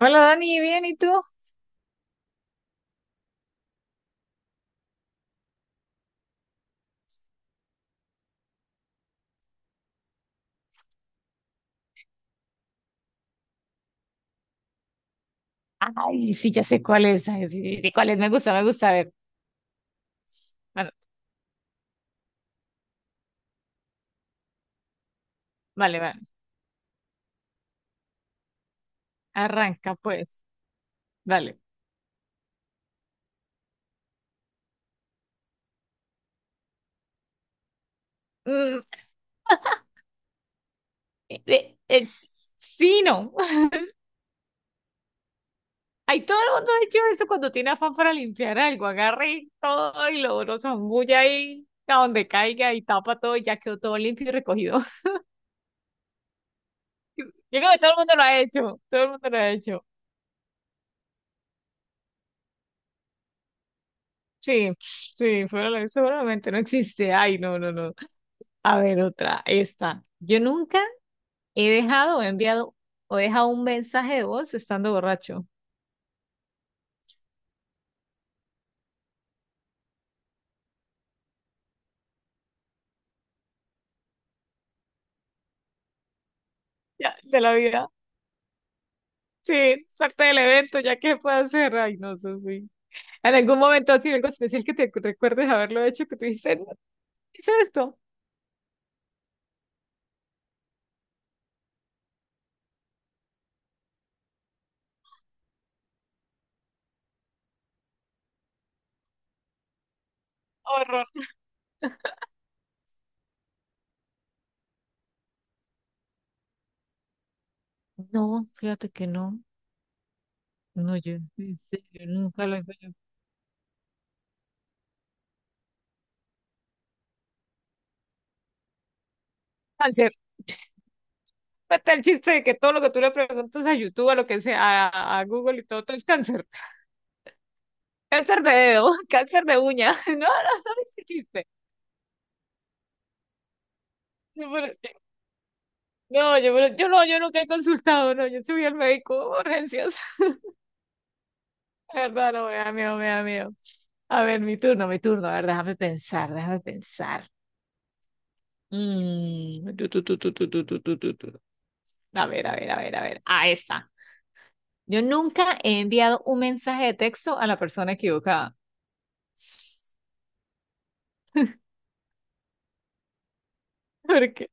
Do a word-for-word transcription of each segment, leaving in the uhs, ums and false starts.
Hola Dani, ¿bien? ¿Y tú? Ay, sí, ya sé cuál es. Ay, sí, sí, sí, cuál es. Me gusta, me gusta. A ver, bueno, vale, vale. Arranca, pues. Vale. Mm, eh, eh, es, sí, no. Ay, todo el mundo ha hecho eso cuando tiene afán para limpiar algo. Agarra y todo y lo, lo zambulle ahí a donde caiga y tapa todo y ya quedó todo limpio y recogido. Yo creo que todo el mundo lo ha hecho. Todo el mundo lo ha hecho. Sí, sí, fuera- la- seguramente no existe. Ay, no, no, no. A ver, otra. Esta. Yo nunca he dejado, o he enviado o he dejado un mensaje de voz estando borracho. Ya, de la vida. Sí, es parte del evento, ya que puedo hacer. Ay, no, Sofi. En algún momento así, algo especial que te recuerdes haberlo hecho, que tú dices, "No, hice esto". Horror. No, fíjate que no. No, yo, en serio, nunca lo he hecho. Cáncer. Está el chiste de que todo lo que tú le preguntas a YouTube, a lo que sea, a, a Google y todo, todo es cáncer. Cáncer de dedo, cáncer de uña. No, no, sabes el chiste. No, yo, pero- yo no, yo nunca he consultado, no, yo soy al médico, urgencias. La verdad, no, me da miedo, me da miedo. A ver, mi turno, mi turno, a ver, déjame pensar, déjame pensar. Mm, tu, tu, tu, tu, tu, tu, tu, tu, tu, tu. A ver, a ver, a ver, a ver. Ah, está. Yo nunca he enviado un mensaje de texto a la persona equivocada. ¿Por qué?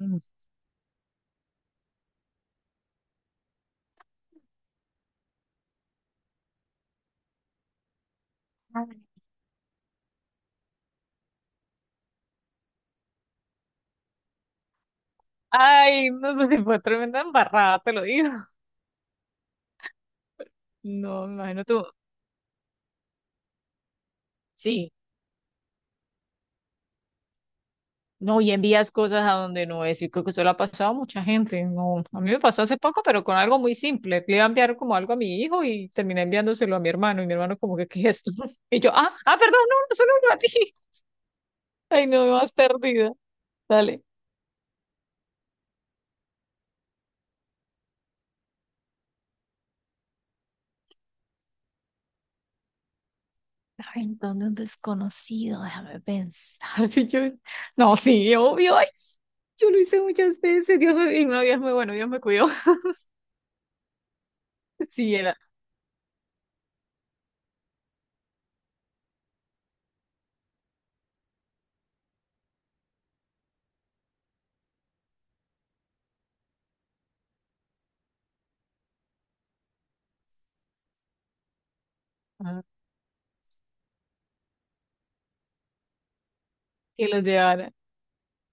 Mm. Ay, no sé, si fue tremenda embarrada, te lo digo. No, me imagino tú. Sí. No, y envías cosas a donde no es. Y creo que eso le ha pasado a mucha gente. No, a mí me pasó hace poco, pero con algo muy simple. Le iba a enviar como algo a mi hijo y terminé enviándoselo a mi hermano. Y mi hermano como que, ¿qué es esto? Y yo, ah, ah, perdón, no, no solo a ti. Ay, no, me vas perdida. Dale. Ay, ¿dónde un desconocido? Déjame pensar. Y yo, no, sí, obvio. Ay, yo lo hice muchas veces. Dios me, y no, Dios me, bueno, Dios me cuidó. Sí, era ah, que los llevara.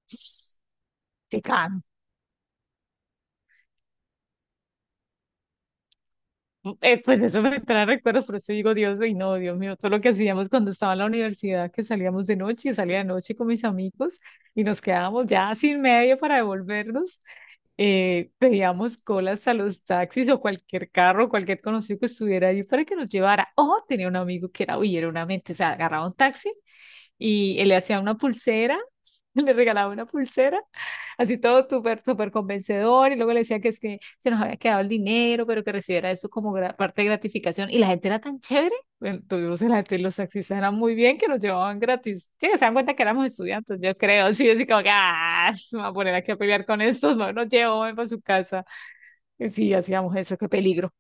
Te Eh, pues eso me trae recuerdos, por eso digo, Dios, y no, Dios mío, todo lo que hacíamos cuando estaba en la universidad, que salíamos de noche, yo salía de noche con mis amigos y nos quedábamos ya sin medio para devolvernos. Eh, pedíamos colas a los taxis o cualquier carro, cualquier conocido que estuviera ahí para que nos llevara. O tenía un amigo que era, uy, era una mente, o sea, agarraba un taxi y él le hacía una pulsera, le regalaba una pulsera, así todo súper, súper convencedor, y luego le decía que es que se nos había quedado el dinero, pero que recibiera eso como gra- parte de gratificación, y la gente era tan chévere, bueno, tuvimos la gente, los taxistas eran muy bien, que nos llevaban gratis, sí, se dan cuenta que éramos estudiantes, yo creo, sí, así como que, ah, se me va a poner aquí a pelear con estos, no, nos llevo para su casa. Y sí, hacíamos eso, qué peligro.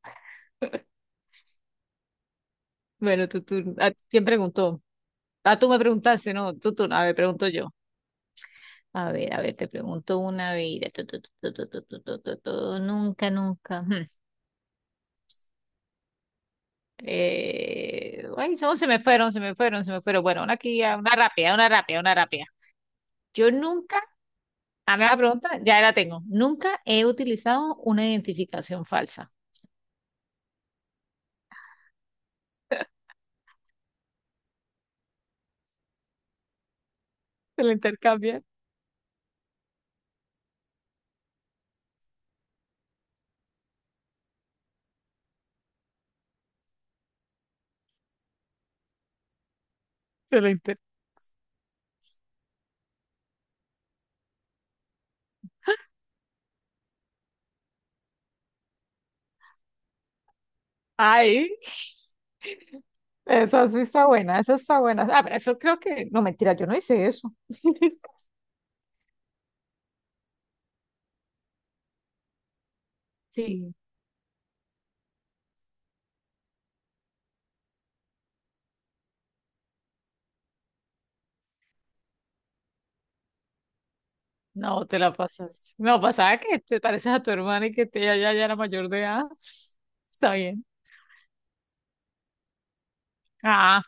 Bueno, tú, tú, ¿a quién preguntó? Ah, tú me preguntaste, no, tú, tú, a ver, pregunto yo. A ver, a ver, te pregunto una vida. Tu, tu, tu, tu, tu, tu, tu, tu, tu, Nunca, nunca. Ujú. Eh, ay, no, se me fueron, se me fueron, se me fueron. Bueno, una aquí, ah, una rápida, una rápida, una rápida. Yo nunca, a mí la pregunta, ya la tengo. Nunca he utilizado una identificación falsa. Se la intercambian, se la inter... Ay, esa sí está buena, esa está buena. Ah, pero eso creo que, no, mentira, yo no hice eso. Sí. No, te la pasas. No, pasaba que te pareces a tu hermana y que te, ella ya, ya era mayor de edad. Está bien. Ah,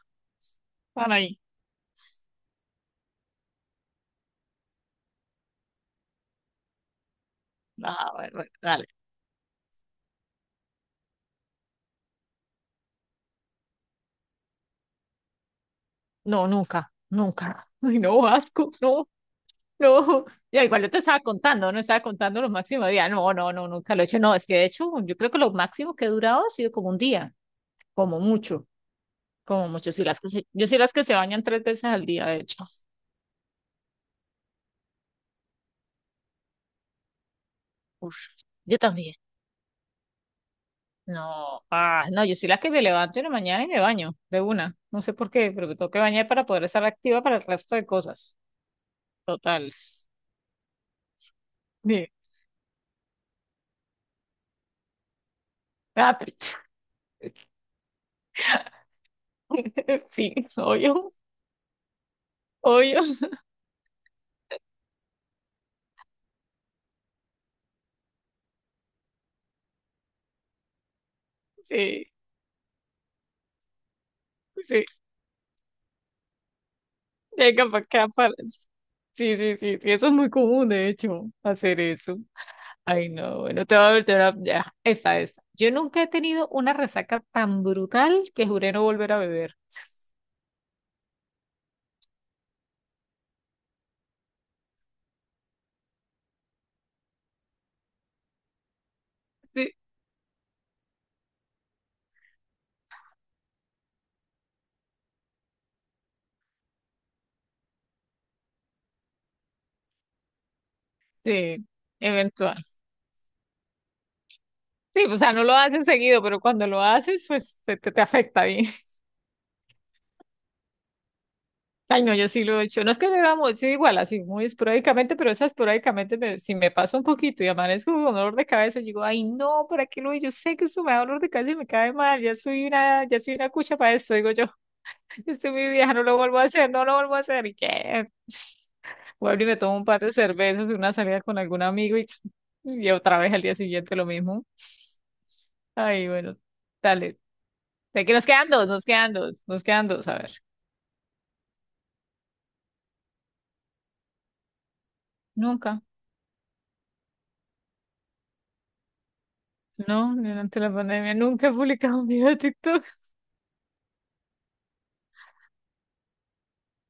para ahí. Ah, bueno, bueno, dale. No, nunca, nunca. Ay, no, asco, no, no. Ya, igual yo te estaba contando, no estaba contando los máximos días. No, no, no, nunca lo he hecho. No, es que de hecho, yo creo que lo máximo que he durado ha sido como un día, como mucho, como mucho. Sí, las que se- yo soy las que se bañan tres veces al día, de hecho. Uf, yo también. No, ah, no, yo soy la que me levanto en la mañana y me baño de una. No sé por qué, pero me tengo que bañar para poder estar activa para el resto de cosas. Total. Sí. Ah, sí, obvio, obvio. Sí, sí. Ya capaz que aparece. Sí, sí, sí, sí, eso es muy común, de hecho, hacer eso. Ay, no, bueno, te va a volver a... Ya, esa, esa. Yo nunca he tenido una resaca tan brutal que juré no volver a beber. Sí, sí, eventual. Sí, o sea, no lo haces seguido, pero cuando lo haces, pues te, te, te afecta bien. Ay, no, yo sí lo he hecho. No es que vamos, yo igual, así muy esporádicamente, pero esa esporádicamente, me- si me pasa un poquito y amanezco con dolor de cabeza, yo digo, ay, no, ¿para qué lo hice? Yo sé que esto me da dolor de cabeza y me cae mal, ya soy una, ya soy una cucha para esto, digo yo, estoy muy vieja, no lo vuelvo a hacer, no lo vuelvo a hacer, ¿y qué? Vuelvo y me tomo un par de cervezas, una salida con algún amigo y, y otra vez al día siguiente lo mismo. Ay, bueno, dale. De que nos quedan dos, nos quedan dos, nos quedan dos, a ver. Nunca, no, durante la pandemia nunca he publicado un video de TikTok.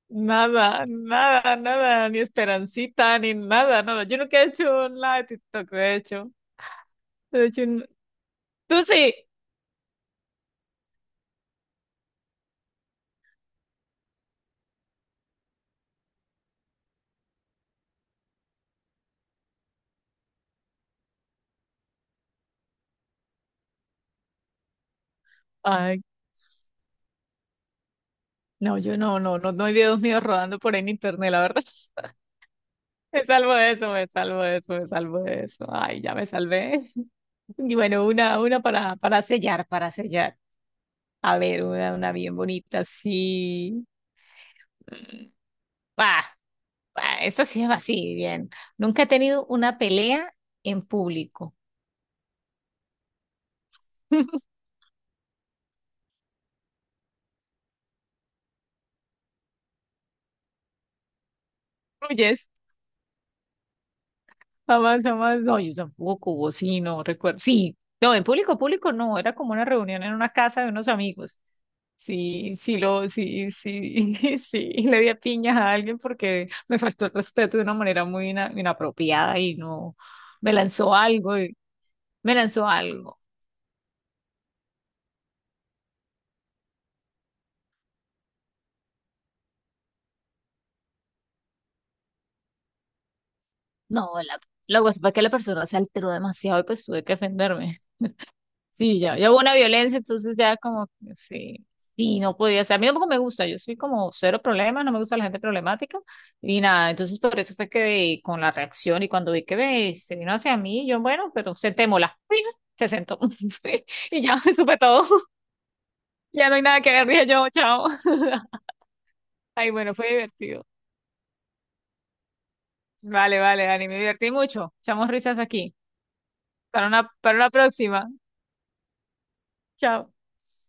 Nada, nada, nada, ni esperancita, ni nada, nada. Yo nunca he hecho nada de TikTok, de hecho. De hecho, n- tú sí. Ay, no, yo no, no, no, no hay videos míos rodando por ahí en internet, la verdad. Me salvo de eso, me salvo de eso, me salvo de eso. Ay, ya me salvé. Y bueno, una, una para, para sellar, para sellar. A ver, una, una bien bonita, sí. Bah, bah, eso sí es así, bien. Nunca he tenido una pelea en público. Yes, jamás, jamás. No, yo tampoco, vos sí, no recuerdo. Sí, no, en público, público no, era como una reunión en una casa de unos amigos. Sí, sí, lo, sí, sí, sí, y le di a piñas a alguien porque me faltó el respeto de una manera muy ina- inapropiada y no, me lanzó algo, y- me lanzó algo. No, la, lo que pasa fue que la persona se alteró demasiado y pues tuve que defenderme. Sí, ya, ya hubo una violencia, entonces ya como, que sí, sí, no podía ser. A mí tampoco me gusta, yo soy como cero problemas, no me gusta la gente problemática y nada, entonces por eso fue que con la reacción y cuando vi que ve, se vino hacia mí, yo, bueno, pero sentémosla. Fija, se sentó y ya se supe todo, ya no hay nada que ver, dije yo, chao. Ay, bueno, fue divertido. Vale, vale, Dani, me divertí mucho. Echamos risas aquí. Para una, para una próxima. Chao.